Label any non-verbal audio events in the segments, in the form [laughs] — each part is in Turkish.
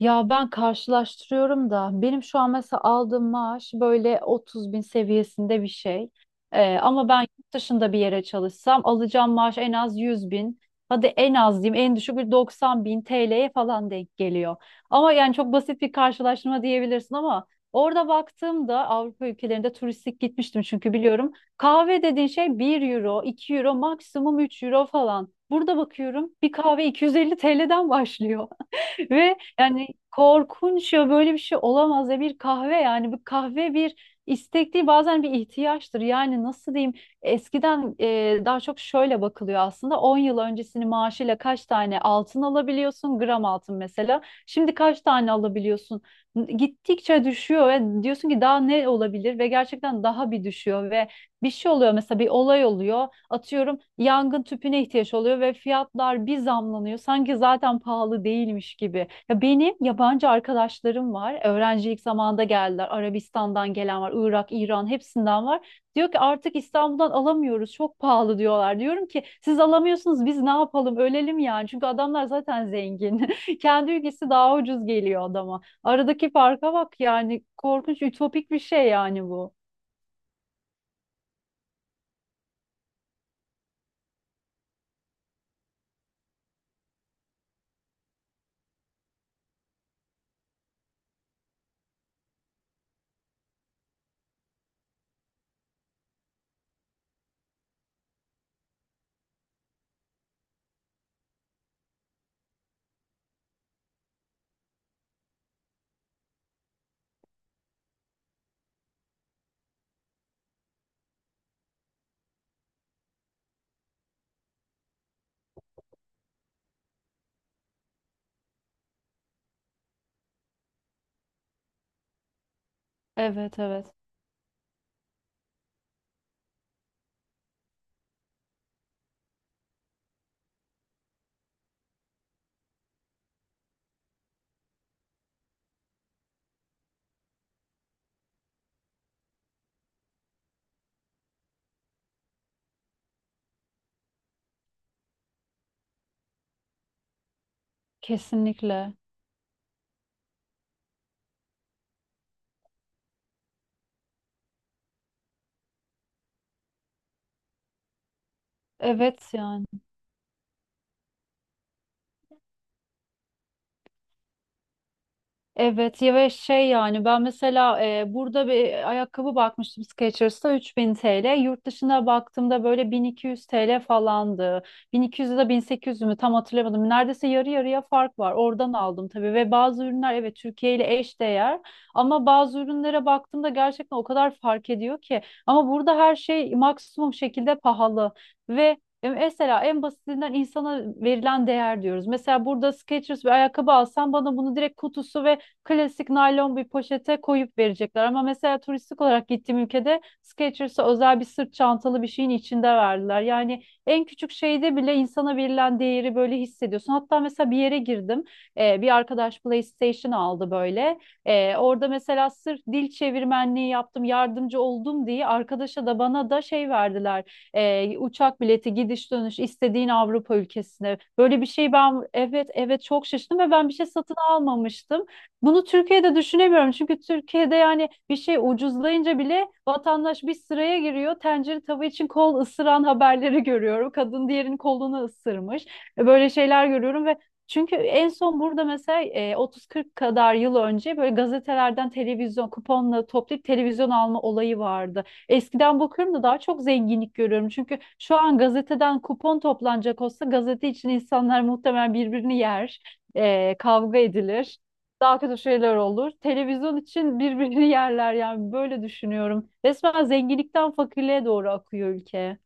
Ya ben karşılaştırıyorum da benim şu an mesela aldığım maaş böyle 30 bin seviyesinde bir şey. Ama ben yurt dışında bir yere çalışsam alacağım maaş en az 100 bin. Hadi en az diyeyim en düşük bir 90 bin TL'ye falan denk geliyor. Ama yani çok basit bir karşılaştırma diyebilirsin ama orada baktığımda Avrupa ülkelerinde turistik gitmiştim çünkü biliyorum. Kahve dediğin şey bir euro, 2 euro maksimum 3 euro falan. Burada bakıyorum bir kahve 250 TL'den başlıyor. [laughs] Ve yani korkunç ya böyle bir şey olamaz ya bir kahve yani bu kahve bir istek değil bazen bir ihtiyaçtır. Yani nasıl diyeyim eskiden daha çok şöyle bakılıyor aslında 10 yıl öncesinin maaşıyla kaç tane altın alabiliyorsun gram altın mesela. Şimdi kaç tane alabiliyorsun? Gittikçe düşüyor ve diyorsun ki daha ne olabilir ve gerçekten daha bir düşüyor ve bir şey oluyor mesela bir olay oluyor. Atıyorum yangın tüpüne ihtiyaç oluyor ve fiyatlar bir zamlanıyor. Sanki zaten pahalı değilmiş gibi. Ya benim yabancı arkadaşlarım var. Öğrencilik zamanında geldiler. Arabistan'dan gelen var, Irak, İran hepsinden var. Diyor ki artık İstanbul'dan alamıyoruz. Çok pahalı diyorlar. Diyorum ki siz alamıyorsunuz biz ne yapalım? Ölelim yani. Çünkü adamlar zaten zengin. [laughs] Kendi ülkesi daha ucuz geliyor adama. Aradaki farka bak yani korkunç ütopik bir şey yani bu. Evet, evet. Kesinlikle. Evet yani. Evet ya ve şey yani ben mesela burada bir ayakkabı bakmıştım Skechers'ta 3000 TL. Yurt dışına baktığımda böyle 1200 TL falandı. 1200 ya da 1800 mü tam hatırlamadım. Neredeyse yarı yarıya fark var. Oradan aldım tabii ve bazı ürünler evet Türkiye ile eş değer ama bazı ürünlere baktığımda gerçekten o kadar fark ediyor ki. Ama burada her şey maksimum şekilde pahalı ve mesela en basitinden insana verilen değer diyoruz. Mesela burada Skechers bir ayakkabı alsam bana bunu direkt kutusu ve klasik naylon bir poşete koyup verecekler. Ama mesela turistik olarak gittiğim ülkede Skechers'a özel bir sırt çantalı bir şeyin içinde verdiler. Yani en küçük şeyde bile insana verilen değeri böyle hissediyorsun. Hatta mesela bir yere girdim. Bir arkadaş PlayStation aldı böyle. Orada mesela sırf dil çevirmenliği yaptım, yardımcı oldum diye arkadaşa da bana da şey verdiler. Uçak bileti, gidiş dönüş istediğin Avrupa ülkesine. Böyle bir şey ben, evet, evet, çok şaşırdım ve ben bir şey satın almamıştım. Bunu Türkiye'de düşünemiyorum çünkü Türkiye'de yani bir şey ucuzlayınca bile vatandaş bir sıraya giriyor. Tencere tava için kol ısıran haberleri görüyorum. Kadın diğerinin kolunu ısırmış. Böyle şeyler görüyorum ve çünkü en son burada mesela 30-40 kadar yıl önce böyle gazetelerden televizyon kuponla toplayıp televizyon alma olayı vardı. Eskiden bakıyorum da daha çok zenginlik görüyorum. Çünkü şu an gazeteden kupon toplanacak olsa gazete için insanlar muhtemelen birbirini yer, kavga edilir, daha kötü şeyler olur. Televizyon için birbirini [laughs] yerler yani böyle düşünüyorum. Resmen zenginlikten fakirliğe doğru akıyor ülke.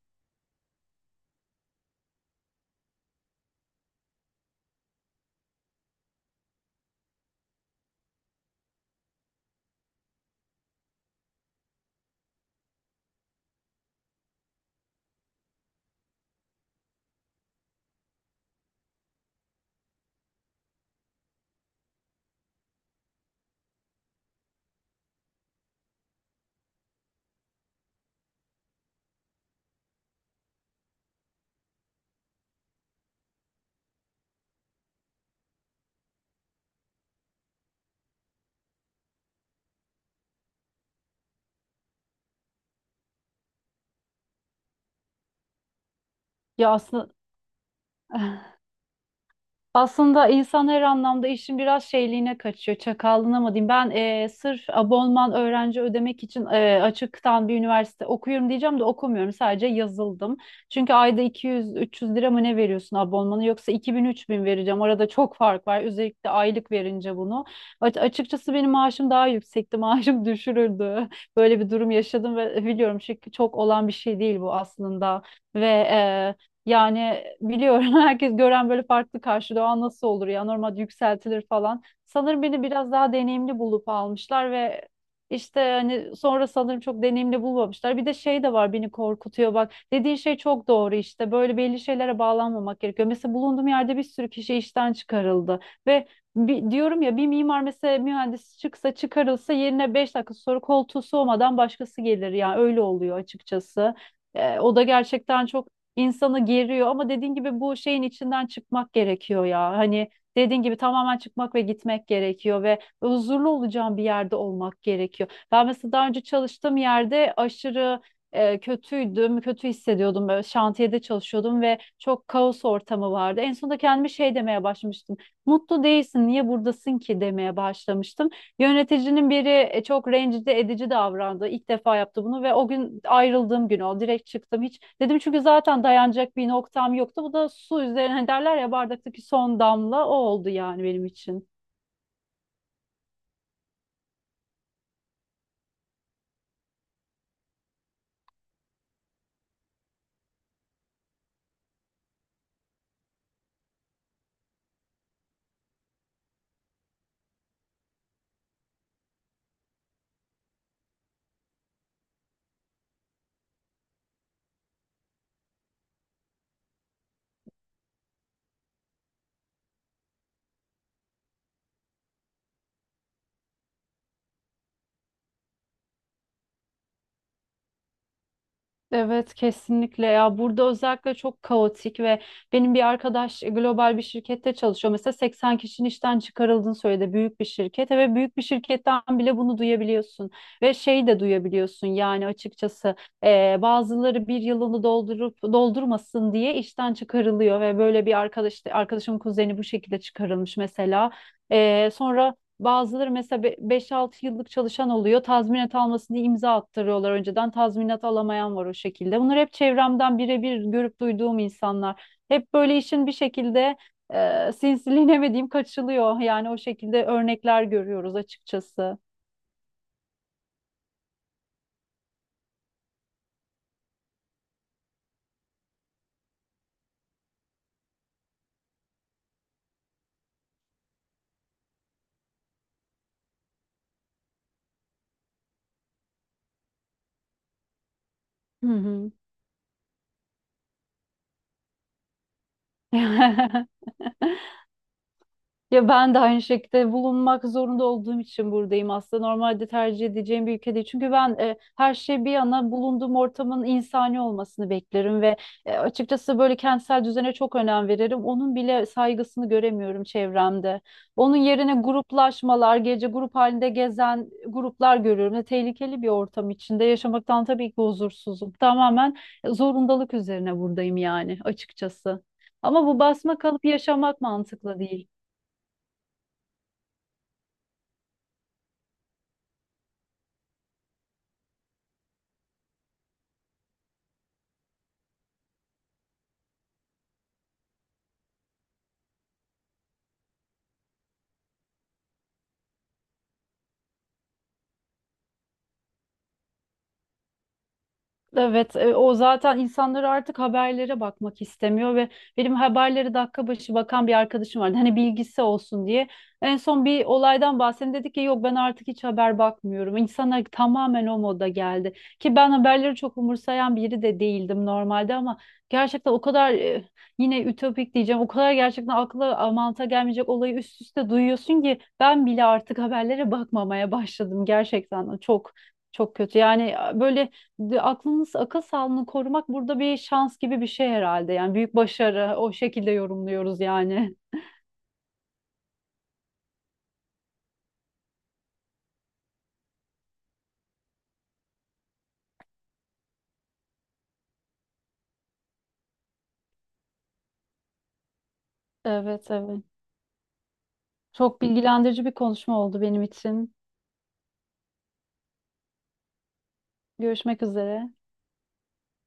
Ya aslında [laughs] aslında insan her anlamda işin biraz şeyliğine kaçıyor, çakallığına mı diyeyim. Ben sırf abonman öğrenci ödemek için açıktan bir üniversite okuyorum diyeceğim de okumuyorum. Sadece yazıldım. Çünkü ayda 200-300 lira mı ne veriyorsun abonmanı yoksa 2000-3000 vereceğim. Arada çok fark var. Özellikle aylık verince bunu. Açıkçası benim maaşım daha yüksekti. [laughs] Maaşım düşürüldü. Böyle bir durum yaşadım ve biliyorum çünkü çok olan bir şey değil bu aslında. Ve yani biliyorum [laughs] herkes gören böyle farklı karşılıyor. Nasıl olur ya, normal yükseltilir falan. Sanırım beni biraz daha deneyimli bulup almışlar ve işte hani sonra sanırım çok deneyimli bulmamışlar. Bir de şey de var, beni korkutuyor bak. Dediğin şey çok doğru işte. Böyle belli şeylere bağlanmamak gerekiyor. Mesela bulunduğum yerde bir sürü kişi işten çıkarıldı ve diyorum ya, bir mimar mesela, mühendis çıkarılsa yerine 5 dakika sonra koltuğu soğumadan başkası gelir yani, öyle oluyor açıkçası. O da gerçekten çok insanı geriyor ama dediğin gibi bu şeyin içinden çıkmak gerekiyor ya. Hani dediğin gibi tamamen çıkmak ve gitmek gerekiyor ve huzurlu olacağım bir yerde olmak gerekiyor. Ben mesela daha önce çalıştığım yerde aşırı kötüydüm, kötü hissediyordum. Böyle şantiyede çalışıyordum ve çok kaos ortamı vardı. En sonunda kendime şey demeye başlamıştım. Mutlu değilsin, niye buradasın ki demeye başlamıştım. Yöneticinin biri çok rencide edici davrandı. İlk defa yaptı bunu ve o gün, ayrıldığım gün o. Direkt çıktım, hiç. Dedim, çünkü zaten dayanacak bir noktam yoktu. Bu da su üzerine, hani derler ya, bardaktaki son damla o oldu yani benim için. Evet, kesinlikle ya, burada özellikle çok kaotik ve benim bir arkadaş global bir şirkette çalışıyor. Mesela 80 kişinin işten çıkarıldığını söyledi, büyük bir şirket, ve büyük bir şirketten bile bunu duyabiliyorsun ve şeyi de duyabiliyorsun yani, açıkçası bazıları bir yılını doldurup doldurmasın diye işten çıkarılıyor ve böyle bir arkadaşımın kuzeni bu şekilde çıkarılmış mesela. Sonra bazıları mesela 5-6 yıllık çalışan oluyor. Tazminat almasın diye imza attırıyorlar önceden. Tazminat alamayan var o şekilde. Bunlar hep çevremden birebir görüp duyduğum insanlar. Hep böyle işin bir şekilde sinsiliğine mi diyeyim, kaçılıyor. Yani o şekilde örnekler görüyoruz açıkçası. Hı hı. [laughs] Ya ben de aynı şekilde bulunmak zorunda olduğum için buradayım aslında. Normalde tercih edeceğim bir ülke değil. Çünkü ben, her şey bir yana, bulunduğum ortamın insani olmasını beklerim ve açıkçası böyle kentsel düzene çok önem veririm. Onun bile saygısını göremiyorum çevremde. Onun yerine gruplaşmalar, gece grup halinde gezen gruplar görüyorum. Ve tehlikeli bir ortam içinde yaşamaktan tabii ki huzursuzum. Tamamen zorundalık üzerine buradayım yani, açıkçası. Ama bu basma kalıp yaşamak mantıklı değil. Evet, o zaten, insanlar artık haberlere bakmak istemiyor ve benim haberleri dakika başı bakan bir arkadaşım vardı. Hani bilgisi olsun diye. En son bir olaydan bahsedeyim dedi ki, yok ben artık hiç haber bakmıyorum. İnsanlar tamamen o moda geldi. Ki ben haberleri çok umursayan biri de değildim normalde, ama gerçekten o kadar, yine ütopik diyeceğim. O kadar gerçekten akla mantığa gelmeyecek olayı üst üste duyuyorsun ki, ben bile artık haberlere bakmamaya başladım gerçekten. Çok çok kötü. Yani böyle de- aklınız akıl sağlığını korumak burada bir şans gibi bir şey herhalde. Yani büyük başarı, o şekilde yorumluyoruz yani. Evet, evet. Çok bilgilendirici bir konuşma oldu benim için. Görüşmek üzere.